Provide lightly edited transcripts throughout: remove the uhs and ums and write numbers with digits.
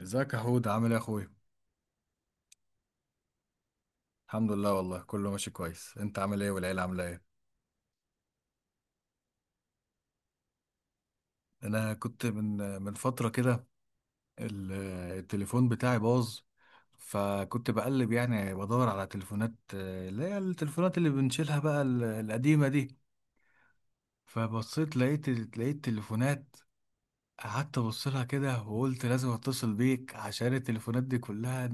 ازيك يا حود؟ عامل ايه يا اخويا؟ الحمد لله، والله كله ماشي كويس. انت عامل ايه؟ والعيله عامله ايه؟ انا كنت من فتره كده. ال- التليفون بتاعي باظ. فكنت بقلب يعني بدور على تليفونات، اللي هي التليفونات اللي بنشيلها بقى القديمه دي. فبصيت لقيت تليفونات. قعدت ابص لها كده وقلت لازم اتصل بيك عشان التليفونات دي كلها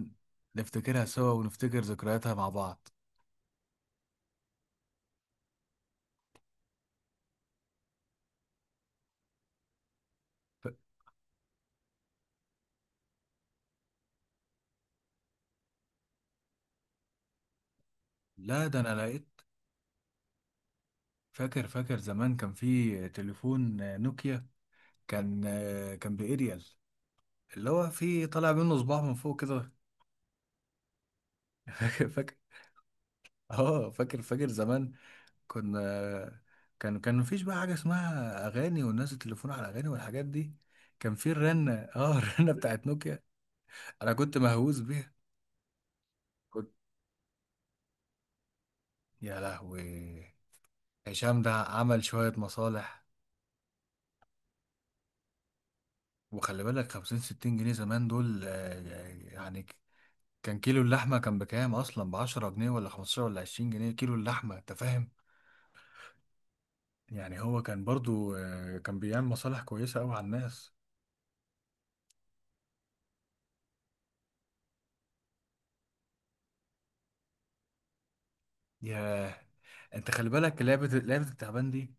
نفتكرها سوا ونفتكر ذكرياتها مع بعض. ف- لا، ده انا لقيت. فاكر فاكر زمان كان في تليفون، نوكيا. كان بإيريال، اللي هو في طالع منه صباع من فوق كده. فاكر فاكر، اه فاكر فاكر زمان. كنا كان مفيش بقى حاجة اسمها أغاني، والناس التليفون على أغاني والحاجات دي. كان في الرنة، اه الرنة بتاعت نوكيا. أنا كنت مهووس بيها. كنت، يا لهوي. هشام ده عمل شوية مصالح. وخلي بالك 50 60 جنيه زمان دول، يعني كان كيلو اللحمة كان بكام أصلا؟ ب10 جنيه ولا 15 ولا 20 جنيه كيلو اللحمة؟ أنت فاهم؟ يعني هو كان برضو، كان بيعمل مصالح كويسة أوي على الناس. ياه. أنت خلي بالك لعبة التعبان دي،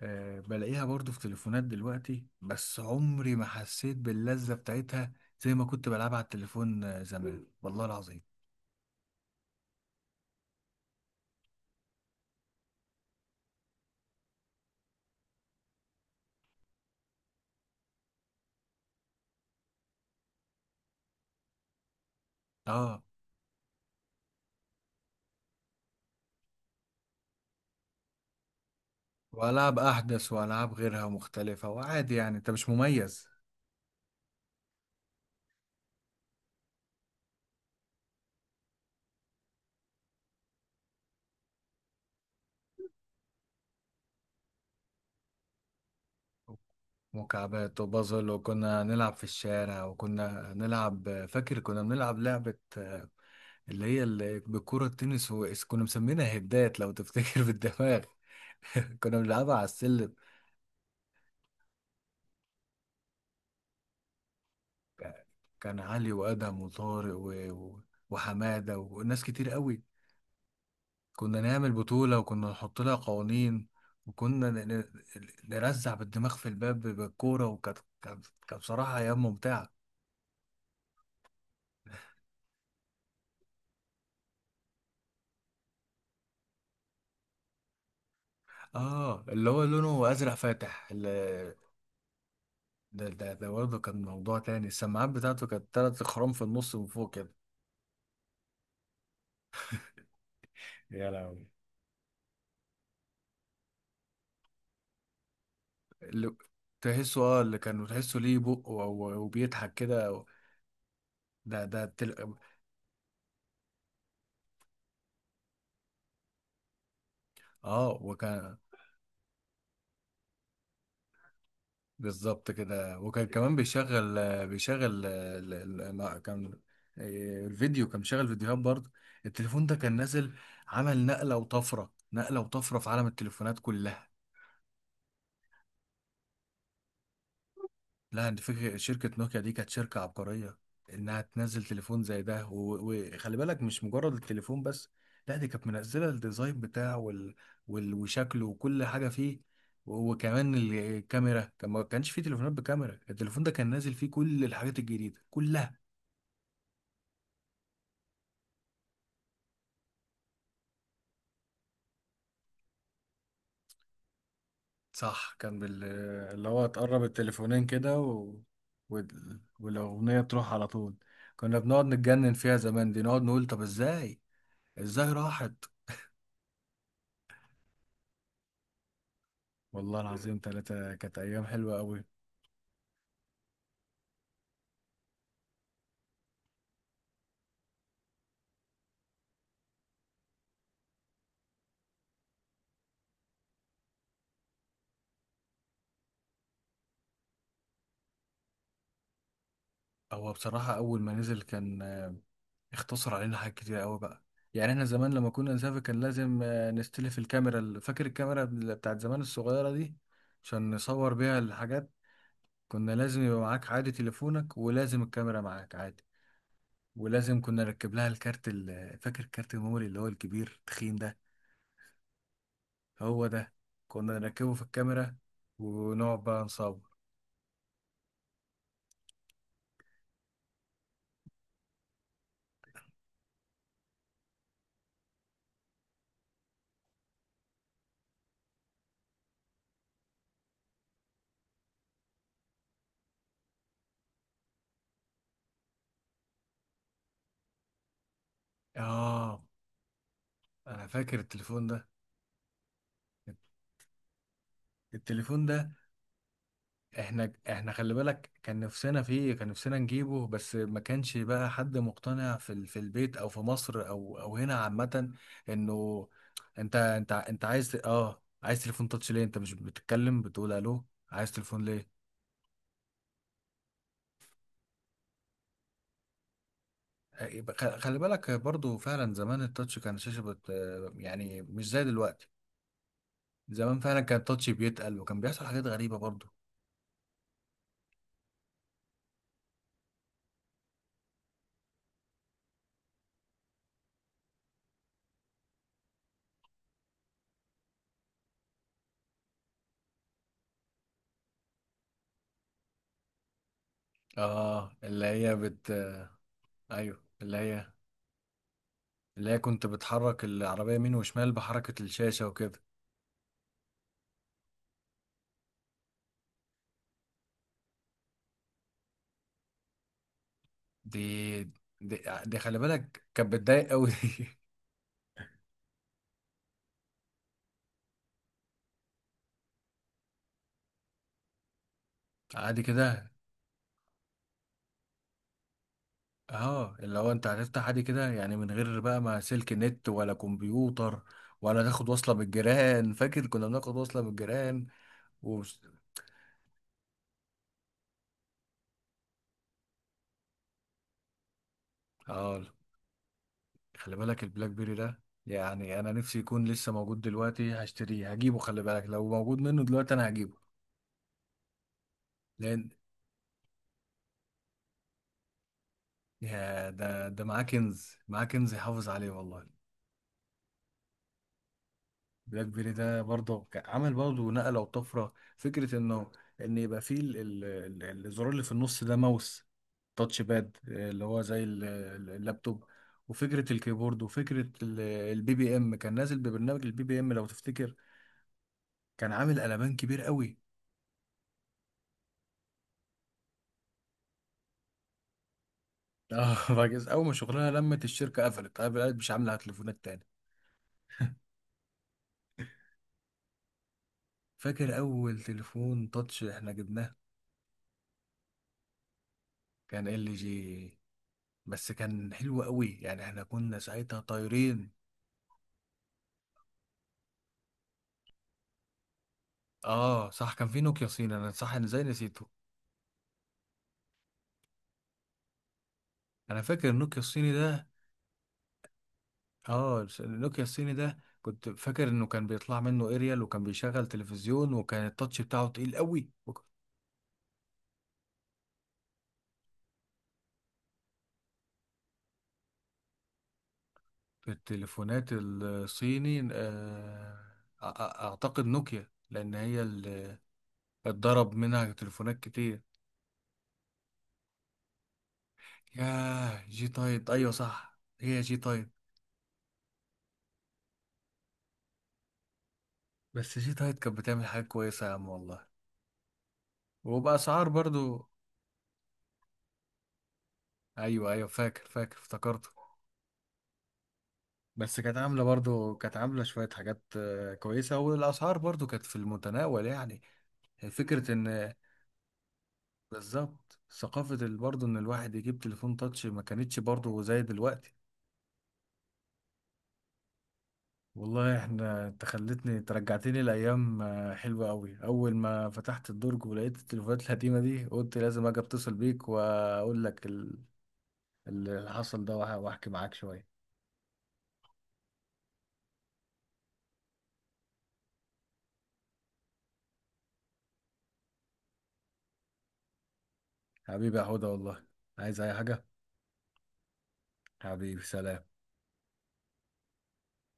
بلاقيها برضو في تليفونات دلوقتي بس عمري ما حسيت باللذة بتاعتها زي ما كنت بلعبها على التليفون، زمان والله العظيم. اه، وألعاب أحدث وألعاب غيرها مختلفة وعادي، يعني أنت مش مميز. مكعبات وبازل، وكنا نلعب في الشارع، وكنا نلعب. فاكر كنا بنلعب لعبة، اللي هي بالكرة التنس، كنا مسمينها هدات لو تفتكر، بالدماغ. كنا بنلعبها على السلم. ك- كان علي وأدم وطارق وحمادة وناس كتير قوي. كنا نعمل بطولة وكنا نحط لها قوانين. وكنا نرزع بالدماغ في الباب بالكورة. وكانت كانت كانت بصراحة أيام ممتعة. اه، اللي هو لونه ازرق فاتح. ده برضه كان موضوع تاني. السماعات بتاعته كانت تلات خرام في النص من فوق كده. يا لهوي. اللي تحسه، اه، اللي كان تحسه ليه بق وبيضحك كده. ده ده تل... اه، وكان بالظبط كده. وكان كمان بيشغل، ما كان إيه، الفيديو. كان مشغل فيديوهات برضه. التليفون ده كان نازل، عمل نقلة وطفرة، نقلة وطفرة في عالم التليفونات كلها. لا، انت فكرة شركة نوكيا دي كانت شركة عبقرية، انها تنزل تليفون زي ده. وخلي بالك مش مجرد التليفون بس. لا، دي كانت منزلة الديزاين بتاعه وشكله وكل حاجة فيه. وكمان الكاميرا، كان ما كانش فيه تليفونات بكاميرا. التليفون ده كان نازل فيه كل الحاجات الجديدة كلها. صح. اللي هو تقرب التليفونين كده والأغنية تروح على طول. كنا بنقعد نتجنن فيها زمان دي، نقعد نقول طب ازاي راحت. والله العظيم ثلاثة كانت أيام حلوة أوي. هو بصراحة أول ما نزل كان، اختصر علينا حاجات كتير أوي بقى. يعني احنا زمان لما كنا نسافر كان لازم، نستلف الكاميرا، فاكر الكاميرا، بتاعت زمان الصغيرة دي عشان نصور بيها الحاجات. كنا لازم يبقى معاك عادي تليفونك ولازم الكاميرا معاك عادي. ولازم كنا نركب لها الكارت، فاكر الكارت الميموري اللي هو الكبير التخين ده. هو ده. كنا نركبه في الكاميرا ونقعد بقى نصور. اه، انا فاكر التليفون ده. التليفون ده احنا خلي بالك كان نفسنا فيه، كان نفسنا نجيبه، بس ما كانش بقى حد مقتنع في في البيت او في مصر او هنا عامة، انه انت عايز عايز تليفون تاتش ليه؟ انت مش بتتكلم بتقول الو؟ عايز تليفون ليه؟ يبقى خلي بالك برضو فعلا زمان التاتش كان شاشة بت آه، يعني مش زي دلوقتي. زمان فعلا كان التاتش بيتقل وكان بيحصل حاجات غريبة برضو. اه، اللي هي بت آه، ايوه، اللي هي كنت بتحرك العربية يمين وشمال بحركة الشاشة وكده. دي دي خلي بالك كانت بتضايق قوي دي. عادي كده. اه، اللي هو انت هتفتح عادي كده، يعني من غير بقى ما سلك نت ولا كمبيوتر ولا تاخد وصلة من الجيران. فاكر كنا بناخد وصلة من الجيران و... اه، خلي بالك البلاك بيري ده، يعني انا نفسي يكون لسه موجود دلوقتي هشتريه هجيبه. خلي بالك لو موجود منه دلوقتي انا هجيبه، لان يا ده معاه كنز، معاه كنز يحافظ عليه والله. بلاك بيري ده برضه كان عمل برضه نقلة وطفرة. فكرة انه ان يبقى فيه الزرار اللي في النص ده ماوس، تاتش باد، اللي هو زي اللابتوب. وفكرة الكيبورد، وفكرة البي بي ام. كان نازل ببرنامج البي بي ام لو تفتكر. كان عامل قلبان كبير قوي. اه راجل، اول ما شغلها لمت الشركة، قفلت قفلت، مش عاملة على تليفونات تاني. فاكر اول تليفون تاتش احنا جبناه كان ال جي. بس كان حلو قوي، يعني احنا كنا ساعتها طايرين. اه صح، كان في نوكيا صيني، انا صح انا زي نسيته. انا فاكر النوكيا الصيني ده. اه، النوكيا الصيني ده كنت فاكر انه كان بيطلع منه اريال وكان بيشغل تلفزيون وكان التاتش بتاعه تقيل قوي. في التليفونات الصيني، اعتقد نوكيا، لان هي اللي اتضرب منها تليفونات كتير. ياه، جي تايد، ايوه صح هي جي تايد. بس جي تايد كانت بتعمل حاجات كويسة يا عم والله، وبأسعار برضو. ايوه ايوه، فاكر فاكر افتكرت. بس كانت عاملة برضو، كانت عاملة شوية حاجات، كويسة، والأسعار برضو كانت في المتناول يعني. فكرة إن بالظبط، ثقافة برضو إن الواحد يجيب تليفون تاتش ما كانتش برضو زي دلوقتي. والله احنا، انت خلتني ترجعتني لأيام، حلوة أوي، أول ما فتحت الدرج ولقيت التليفونات القديمة دي قلت لازم أجي أتصل بيك وأقول لك اللي حصل ده، وأحكي معاك شوية. حبيبي يا هدى والله، عايز أي حاجة؟ حبيبي سلام.